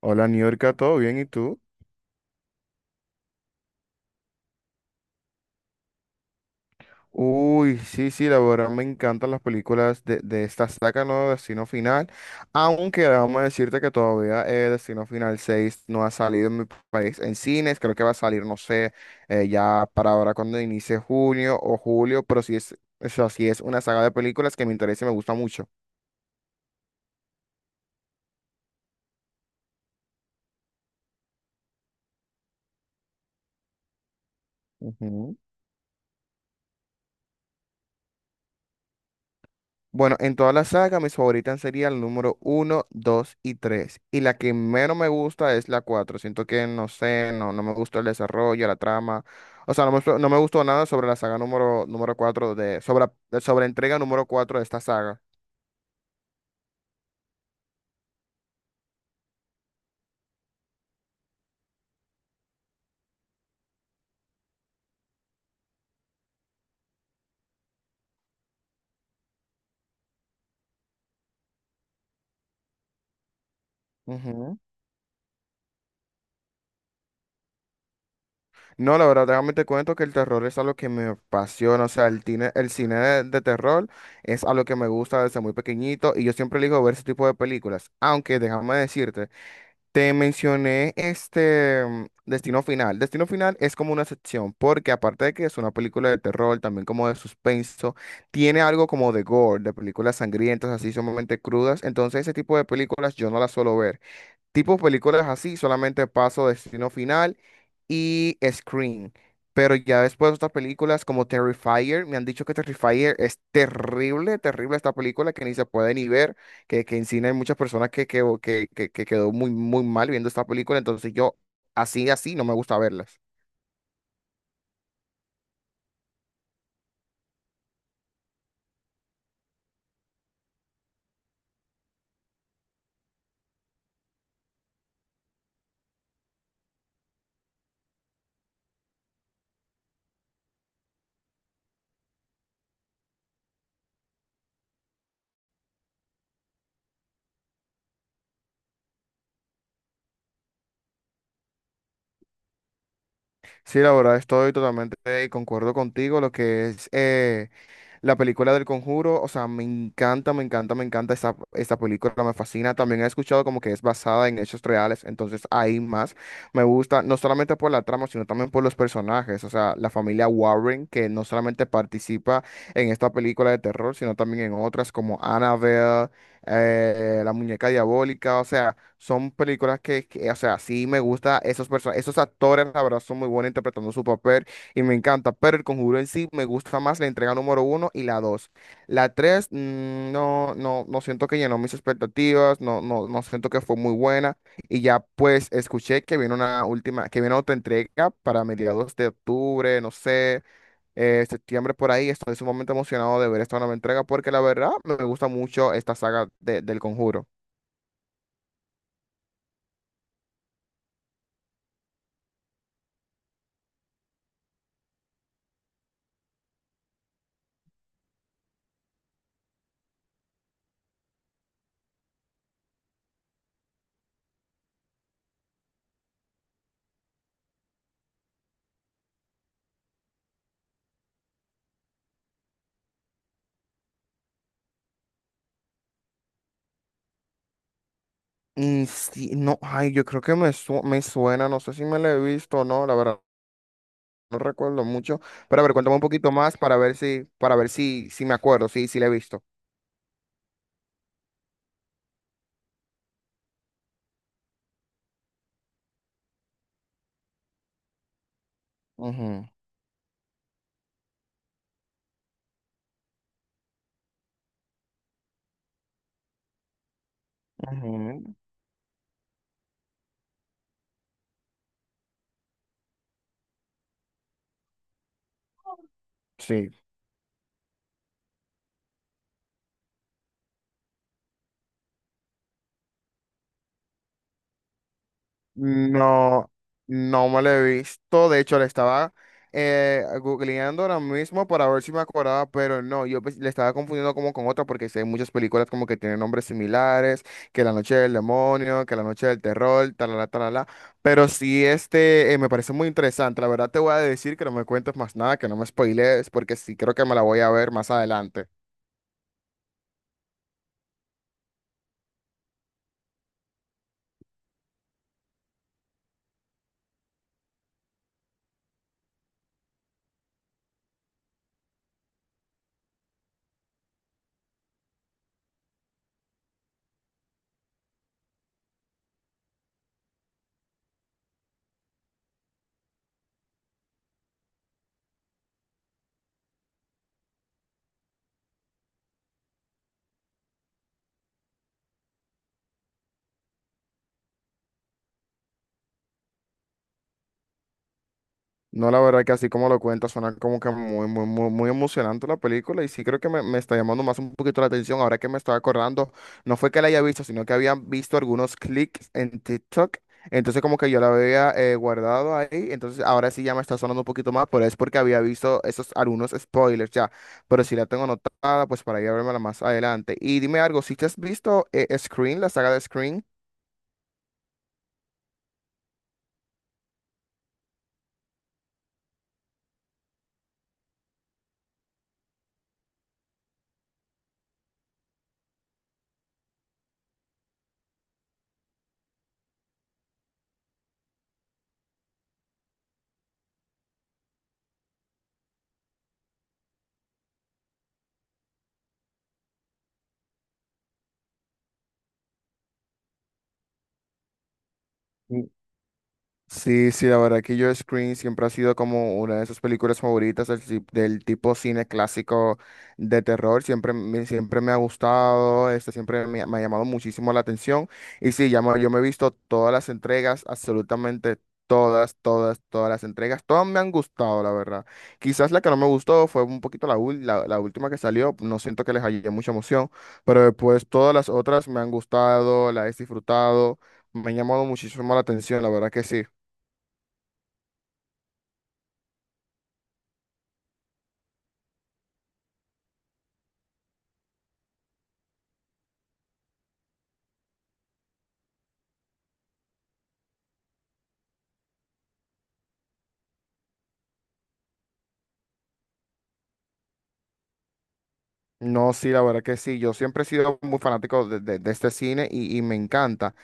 Hola, New, ¿todo bien? ¿Y tú? Uy, sí, sí, la verdad me encantan las películas de esta saga, ¿no? Destino Final. Aunque vamos a decirte que todavía Destino Final 6 no ha salido en mi país en cines. Creo que va a salir, no sé, ya para ahora cuando inicie junio o julio. Pero sí es, o sea, sí es una saga de películas que me interesa y me gusta mucho. Ujú. Bueno, en toda la saga, mis favoritas serían el número uno, 2 y 3, y la que menos me gusta es la 4. Siento que, no sé, no, no me gustó el desarrollo, la trama. O sea, no me gustó nada sobre la saga número 4 de, sobre, sobre entrega número 4 de esta saga. Ujú. No, la verdad, déjame te cuento que el terror es algo que me apasiona. O sea, el cine, el cine de terror es algo que me gusta desde muy pequeñito y yo siempre elijo ver ese tipo de películas. Aunque déjame decirte. Te mencioné este Destino Final. Destino Final es como una excepción, porque aparte de que es una película de terror, también como de suspenso, tiene algo como de gore, de películas sangrientas, así sumamente crudas. Entonces ese tipo de películas yo no las suelo ver. Tipos películas así, solamente paso, Destino Final y Scream. Pero ya después otras películas como Terrifier, me han dicho que Terrifier es terrible, terrible, esta película que ni se puede ni ver, que en cine hay muchas personas que quedó muy, muy mal viendo esta película, entonces yo así, así no me gusta verlas. Sí, la verdad estoy totalmente de concuerdo contigo, lo que es la película del Conjuro. O sea, me encanta, me encanta, me encanta esa, esa película, me fascina. También he escuchado como que es basada en hechos reales, entonces ahí más me gusta, no solamente por la trama, sino también por los personajes, o sea, la familia Warren, que no solamente participa en esta película de terror, sino también en otras como Annabelle, La Muñeca Diabólica. O sea, son películas o sea, sí me gusta esos personajes, esos actores, la verdad, son muy buenos interpretando su papel y me encanta, pero El Conjuro en sí me gusta más la entrega número uno y la dos. La tres, no, no, no siento que llenó mis expectativas, no, no, no siento que fue muy buena, y ya pues escuché que viene una última, que viene otra entrega para mediados de octubre, no sé, septiembre por ahí. Estoy sumamente emocionado de ver esta nueva entrega porque la verdad me gusta mucho esta saga del Conjuro. Mm, sí, no, ay, yo creo que me suena, no sé si me la he visto o no, la verdad. No recuerdo mucho. Pero a ver, cuéntame un poquito más para ver para ver si, si me acuerdo, si, si la he visto. Ujú, ujú. Sí, no, no me lo he visto. De hecho, le estaba googleando ahora mismo para ver si me acordaba, pero no, yo pues, le estaba confundiendo como con otra porque sí hay muchas películas como que tienen nombres similares, que La Noche del Demonio, que La Noche del Terror, talala, talala. Pero sí, este me parece muy interesante. La verdad te voy a decir que no me cuentes más nada, que no me spoilees, porque sí creo que me la voy a ver más adelante. No, la verdad que así como lo cuenta, suena como que muy, muy, muy, muy emocionante la película y sí creo que me está llamando más un poquito la atención. Ahora que me estaba acordando, no fue que la haya visto, sino que había visto algunos clics en TikTok. Entonces como que yo la había guardado ahí, entonces ahora sí ya me está sonando un poquito más, pero es porque había visto esos algunos spoilers ya. Pero si la tengo anotada, pues, para ir a verla más adelante. Y dime algo, ¿si te has visto Scream, la saga de Scream? Sí, sí, la verdad que yo Scream siempre ha sido como una de sus películas favoritas del tipo cine clásico de terror. Siempre me ha gustado, este, siempre me ha llamado muchísimo la atención. Y sí, yo me he visto todas las entregas, absolutamente todas, todas, todas las entregas. Todas me han gustado, la verdad. Quizás la que no me gustó fue un poquito la última que salió. No siento que les haya mucha emoción, pero después todas las otras me han gustado, las he disfrutado. Me han llamado muchísimo la atención, la verdad que sí. No, sí, la verdad que sí. Yo siempre he sido muy fanático de este cine y me encanta.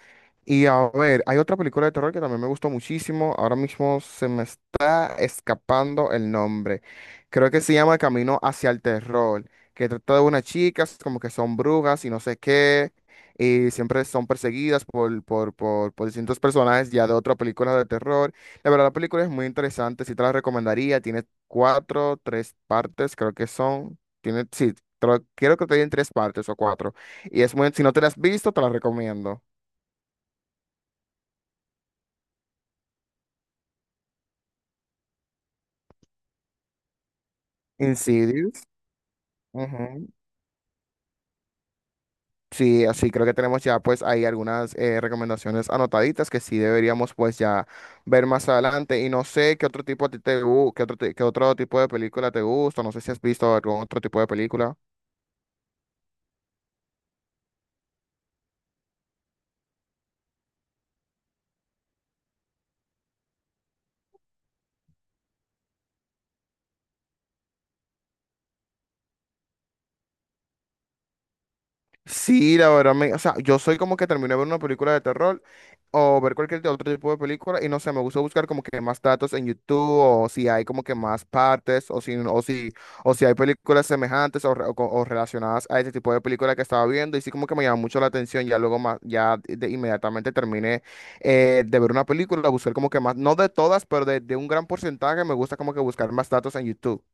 Y a ver, hay otra película de terror que también me gustó muchísimo. Ahora mismo se me está escapando el nombre. Creo que se llama Camino hacia el Terror, que trata de unas chicas como que son brujas y no sé qué, y siempre son perseguidas por distintos personajes ya de otra película de terror. La verdad, la película es muy interesante, sí te la recomendaría. Tiene tres partes, creo que son. Tiene, sí, creo, que tiene tres partes o cuatro. Y es muy, si no te la has visto, te la recomiendo. En, ujú. Sí, así creo que tenemos ya pues ahí algunas recomendaciones anotaditas que sí deberíamos pues ya ver más adelante. Y no sé qué otro tipo a ti te qué qué otro tipo de película te gusta, no sé si has visto algún otro tipo de película. Sí, la verdad, o sea, yo soy como que termino de ver una película de terror o ver cualquier otro tipo de película y no sé, me gusta buscar como que más datos en YouTube, o si hay como que más partes o si hay películas semejantes o, re- o co- o relacionadas a ese tipo de película que estaba viendo, y sí como que me llama mucho la atención. Ya luego más, ya inmediatamente terminé de ver una película, buscar como que más, no de todas, pero de un gran porcentaje me gusta como que buscar más datos en YouTube.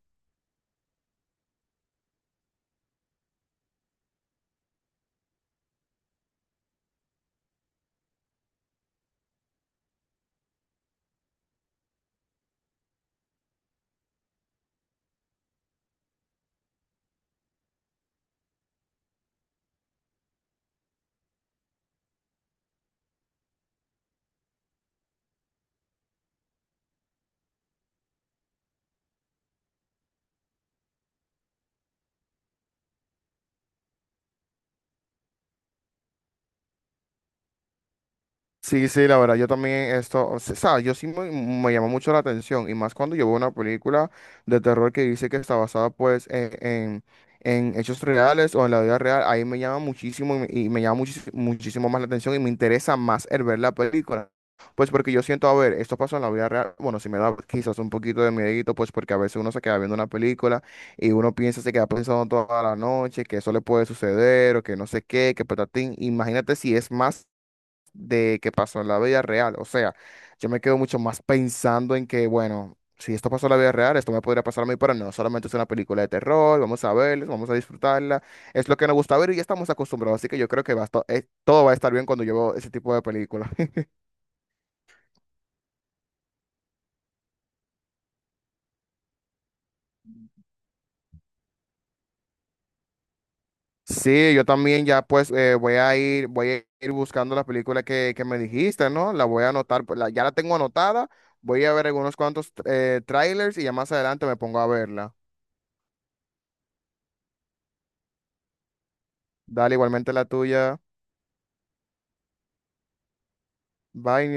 Sí, sí, la verdad, yo también esto, o sea, sabe, me llama mucho la atención, y más cuando yo veo una película de terror que dice que está basada pues en hechos reales o en la vida real, ahí me llama muchísimo y y me llama muchísimo más la atención y me interesa más el ver la película. Pues porque yo siento, a ver, esto pasó en la vida real, bueno, sí me da quizás un poquito de miedito, pues porque a veces uno se queda viendo una película y uno piensa, se queda pensando toda la noche que eso le puede suceder o que no sé qué, que patatín. Imagínate si es más de que pasó en la vida real. O sea, yo me quedo mucho más pensando en que, bueno, si esto pasó en la vida real, esto me podría pasar a mí, pero no, solamente es una película de terror, vamos a verla, vamos a disfrutarla, es lo que nos gusta ver y ya estamos acostumbrados, así que yo creo que todo va a estar bien cuando yo veo ese tipo de películas. Sí, yo también ya pues voy a ir buscando la película que me dijiste, ¿no? La voy a anotar, pues, ya la tengo anotada, voy a ver algunos cuantos trailers y ya más adelante me pongo a verla. Dale, igualmente la tuya. Bye.